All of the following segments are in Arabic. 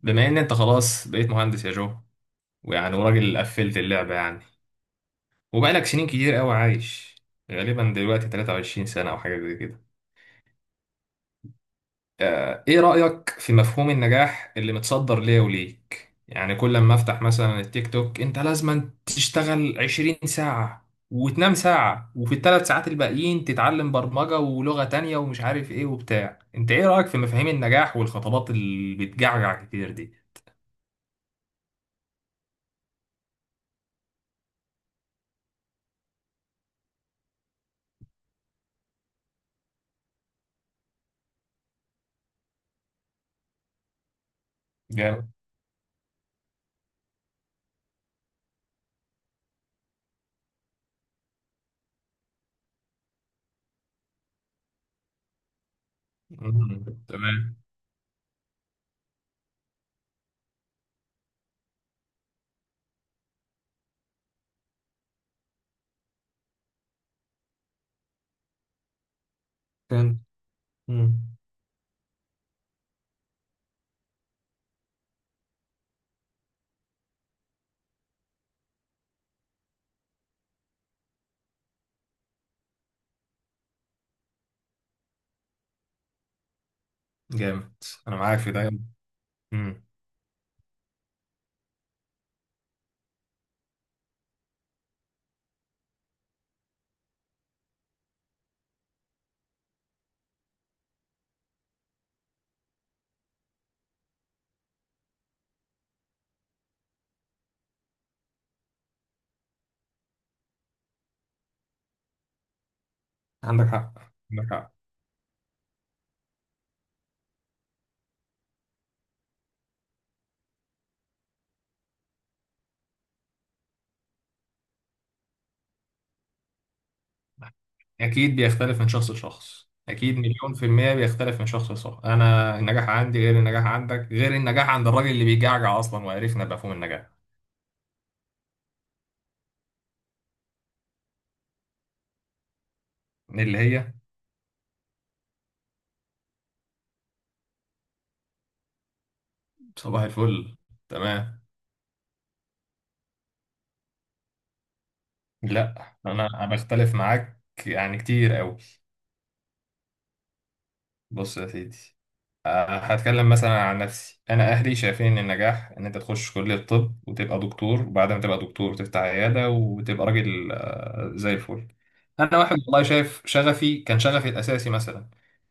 بما ان انت خلاص بقيت مهندس يا جو ويعني وراجل قفلت اللعبة يعني وبقالك سنين كتير قوي عايش غالبا دلوقتي 23 سنة او حاجة زي كده. ايه رأيك في مفهوم النجاح اللي متصدر ليا وليك؟ يعني كل ما افتح مثلا التيك توك انت لازم تشتغل 20 ساعة وتنام ساعة وفي الـ3 ساعات الباقيين تتعلم برمجة ولغة تانية ومش عارف ايه وبتاع. انت ايه رأيك في مفاهيم النجاح والخطابات اللي بتجعجع كتير دي؟ جامد. مم. تمام. مم. جامد. انا معاك في ده. مم. عندك حق. عندك حق. اكيد بيختلف من شخص لشخص، اكيد مليون في المية بيختلف من شخص لشخص. انا النجاح عندي غير النجاح عندك غير النجاح عند الراجل اللي بيجعجع اصلا وعرفنا مفهوم النجاح. اللي هي صباح الفل. تمام. لا، انا بختلف معاك يعني كتير قوي. بص يا سيدي، هتكلم مثلا عن نفسي. انا اهلي شايفين ان النجاح ان انت تخش كلية طب وتبقى دكتور، وبعد ما تبقى دكتور تفتح عيادة وتبقى راجل زي الفل. انا واحد والله شايف شغفي، كان شغفي الاساسي مثلا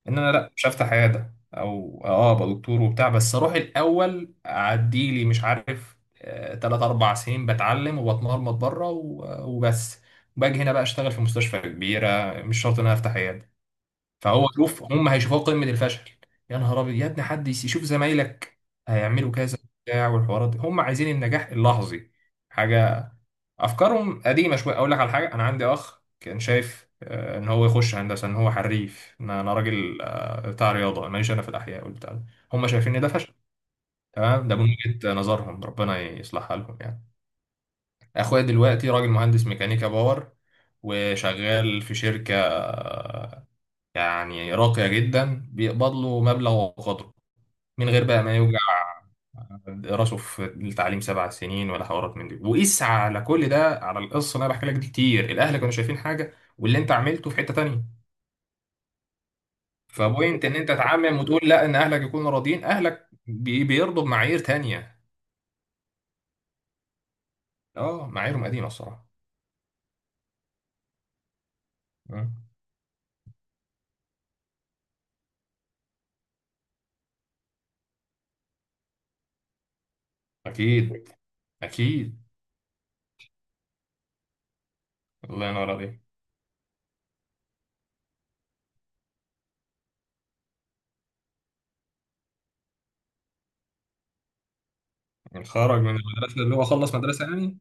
ان انا لا، مش هفتح عيادة او اه ابقى دكتور وبتاع. بس اروح الاول اعدي لي مش عارف تلات اربع سنين بتعلم وبتمرمط بره وبس. باجي هنا بقى اشتغل في مستشفى كبيرة، مش شرط ان انا افتح عيادة. فهو شوف، هم هيشوفوها قمه الفشل. يا نهار ابيض يا ابني، حد يشوف زمايلك هيعملوا كذا بتاع والحوارات دي. هم عايزين النجاح اللحظي، حاجه افكارهم قديمه شويه. اقول لك على حاجه، انا عندي اخ كان شايف ان هو يخش هندسه، ان هو حريف، ان انا راجل بتاع رياضه، ماليش انا في الاحياء والبتاع ده. هم شايفين ان ده فشل. تمام، ده من وجهه نظرهم، ربنا يصلحها لهم يعني. اخويا دلوقتي راجل مهندس ميكانيكا باور، وشغال في شركه يعني راقية جدا، بيقبض له مبلغ وقدره، من غير بقى ما يوجع راسه في التعليم 7 سنين ولا حوارات من دي. وقيس على كل ده، على القصة اللي انا بحكي لك دي كتير، الاهل كانوا شايفين حاجة واللي انت عملته في حتة تانية. فبوينت ان انت تعمم وتقول لا، ان اهلك يكونوا راضيين، اهلك بيرضوا بمعايير تانية. اه معاييرهم قديمة الصراحة. مم. اكيد. اكيد. الله ينور عليك. يعني خرج من المدرسة، اللي هو خلص مدرسة يعني.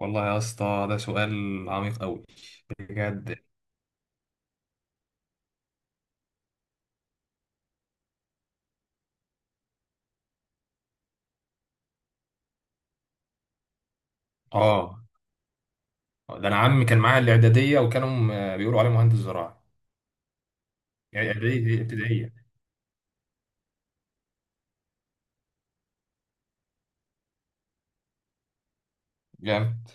والله يا اسطى، ده سؤال عميق قوي، بجد. اه، ده انا عمي كان معايا الاعداديه وكانوا بيقولوا عليه مهندس زراعي. يعني اعداديه دي ابتدائيه. جامد.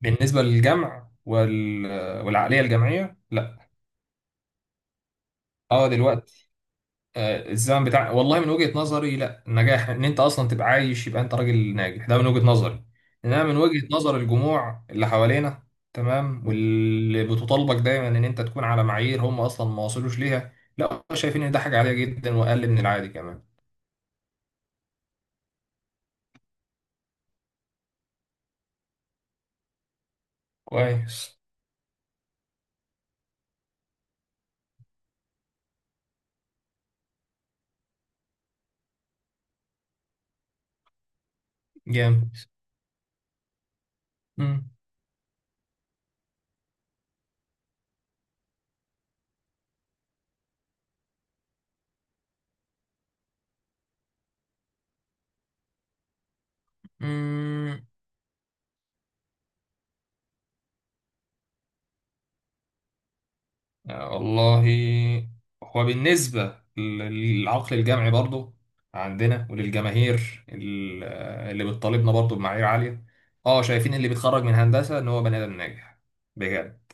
بالنسبه للجمع والعقليه الجمعيه لا. اه دلوقتي، الزمن بتاع، والله من وجهه نظري، لا، النجاح ان انت اصلا تبقى عايش يبقى انت راجل ناجح، ده من وجهه نظري. انما من وجهه نظر الجموع اللي حوالينا، تمام، واللي بتطالبك دايما ان انت تكون على معايير هم اصلا ما وصلوش ليها، لا هم شايفين ان ده حاجه عاديه جدا واقل من العادي كمان. كويس. جامد. مم. والله. هو بالنسبة للعقل الجمعي برضو عندنا، وللجماهير اللي بتطالبنا برضو بمعايير عالية. اه شايفين اللي بيتخرج من هندسة ان هو بني ادم ناجح، بجد.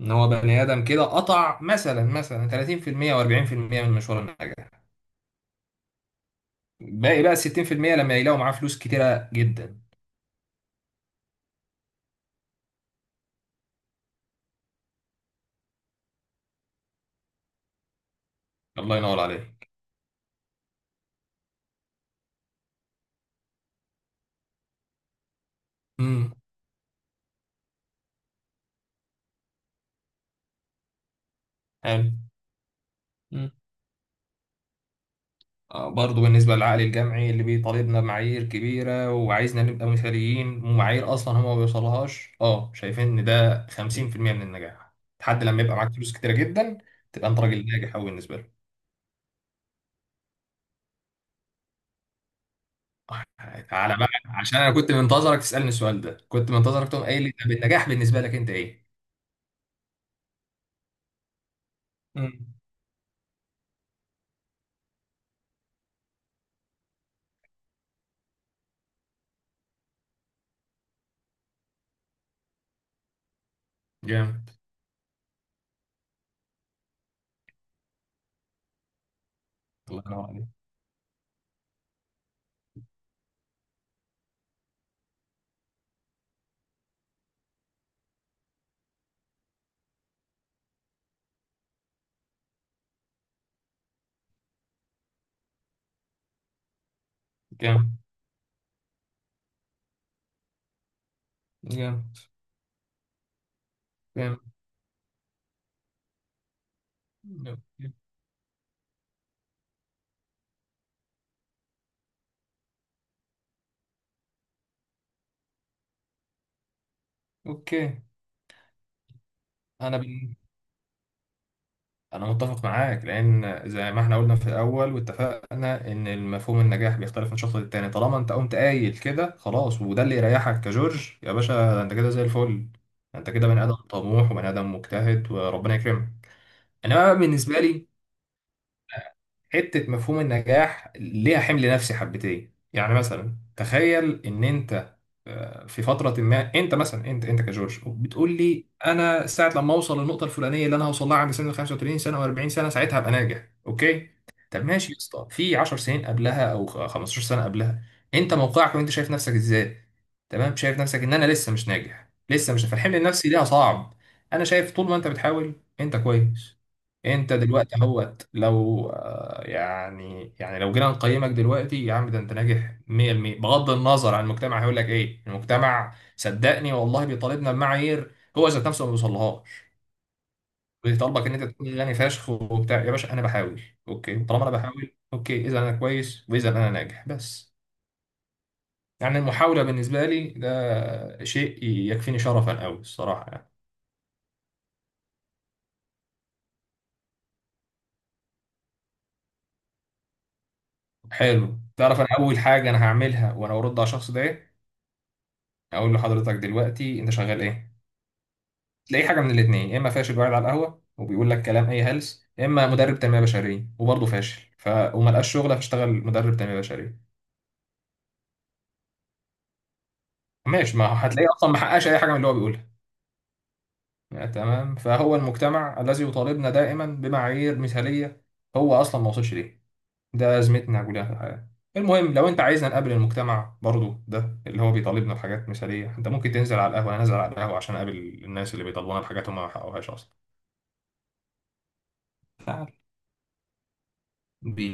ان هو بني ادم كده قطع مثلا 30% و40% من مشوار النجاح. باقي بقى 60% لما يلاقوا معاه فلوس كتيرة جدا. الله ينور عليك. امم. حلو. برضو بالنسبة للعقل الجمعي اللي بيطالبنا بمعايير كبيرة وعايزنا نبقى مثاليين ومعايير أصلا هما ما بيوصلهاش، اه شايفين إن ده 50% من النجاح. لحد لما يبقى معاك فلوس كتيرة جدا تبقى أنت راجل ناجح أوي بالنسبة له. تعالى بقى، عشان أنا كنت منتظرك تسألني السؤال ده، كنت منتظرك تقوم قايل لي طب النجاح بالنسبة لك أنت إيه؟ مم. جامد. الله ينور عليك. جامد. جامد. جامد. أوكي. أنا بال... أنا متفق معاك، لأن زي ما احنا قلنا في الأول واتفقنا إن المفهوم النجاح بيختلف من شخص للتاني. طالما أنت قمت قايل كده خلاص وده اللي يريحك كجورج يا باشا، ده أنت كده زي الفل. ده أنت كده بني آدم طموح وبني آدم مجتهد وربنا يكرمك. إنما بالنسبة لي، حتة مفهوم النجاح ليها حمل نفسي حبتين. يعني مثلا تخيل ان انت في فترة ما، انت مثلا، انت كجورج بتقول لي انا ساعة لما اوصل للنقطة الفلانية اللي انا هوصل لها عند سن 35 سنة و40 سنة ساعتها هبقى ناجح. اوكي. طب ماشي يا اسطى، في 10 سنين قبلها او 15 سنة قبلها انت موقعك وانت شايف نفسك ازاي؟ تمام، شايف نفسك ان انا لسه مش ناجح، لسه مش، فالحمل النفسي ليها صعب. انا شايف طول ما انت بتحاول انت كويس. انت دلوقتي اهوت، لو يعني لو جينا نقيمك دلوقتي يا عم ده انت ناجح 100%. بغض النظر عن المجتمع هيقول لك ايه، المجتمع صدقني والله بيطالبنا بمعايير هو ذات نفسه ما بيوصلهاش. بيطالبك ان انت تكون غني فشخ وبتاع يا باشا، انا بحاول. اوكي، طالما انا بحاول اوكي، اذا انا كويس واذا انا ناجح بس. يعني المحاولة بالنسبة لي ده شيء يكفيني شرفا قوي الصراحة يعني. حلو، تعرف انا اول حاجة انا هعملها وانا ارد على الشخص ده إيه؟ اقول لحضرتك دلوقتي انت شغال ايه. تلاقي حاجه من الاثنين، يا اما فاشل وقاعد على القهوه وبيقول لك كلام اي هلس، يا اما مدرب تنميه بشريه وبرضه فاشل، ف وما لقاش شغله فاشتغل مدرب تنميه بشريه. ماشي، ما هو هتلاقيه اصلا ما حققش اي حاجه من اللي هو بيقولها. تمام. فهو المجتمع الذي يطالبنا دائما بمعايير مثاليه هو اصلا ما وصلش ليه، ده ازمتنا كلها في الحياه. المهم لو انت عايزنا نقابل المجتمع برضه ده اللي هو بيطالبنا بحاجات مثاليه، انت ممكن تنزل على القهوه، انا نازل على القهوه عشان اقابل الناس اللي بيطالبونا بحاجات هم ما حققوهاش اصلا. بي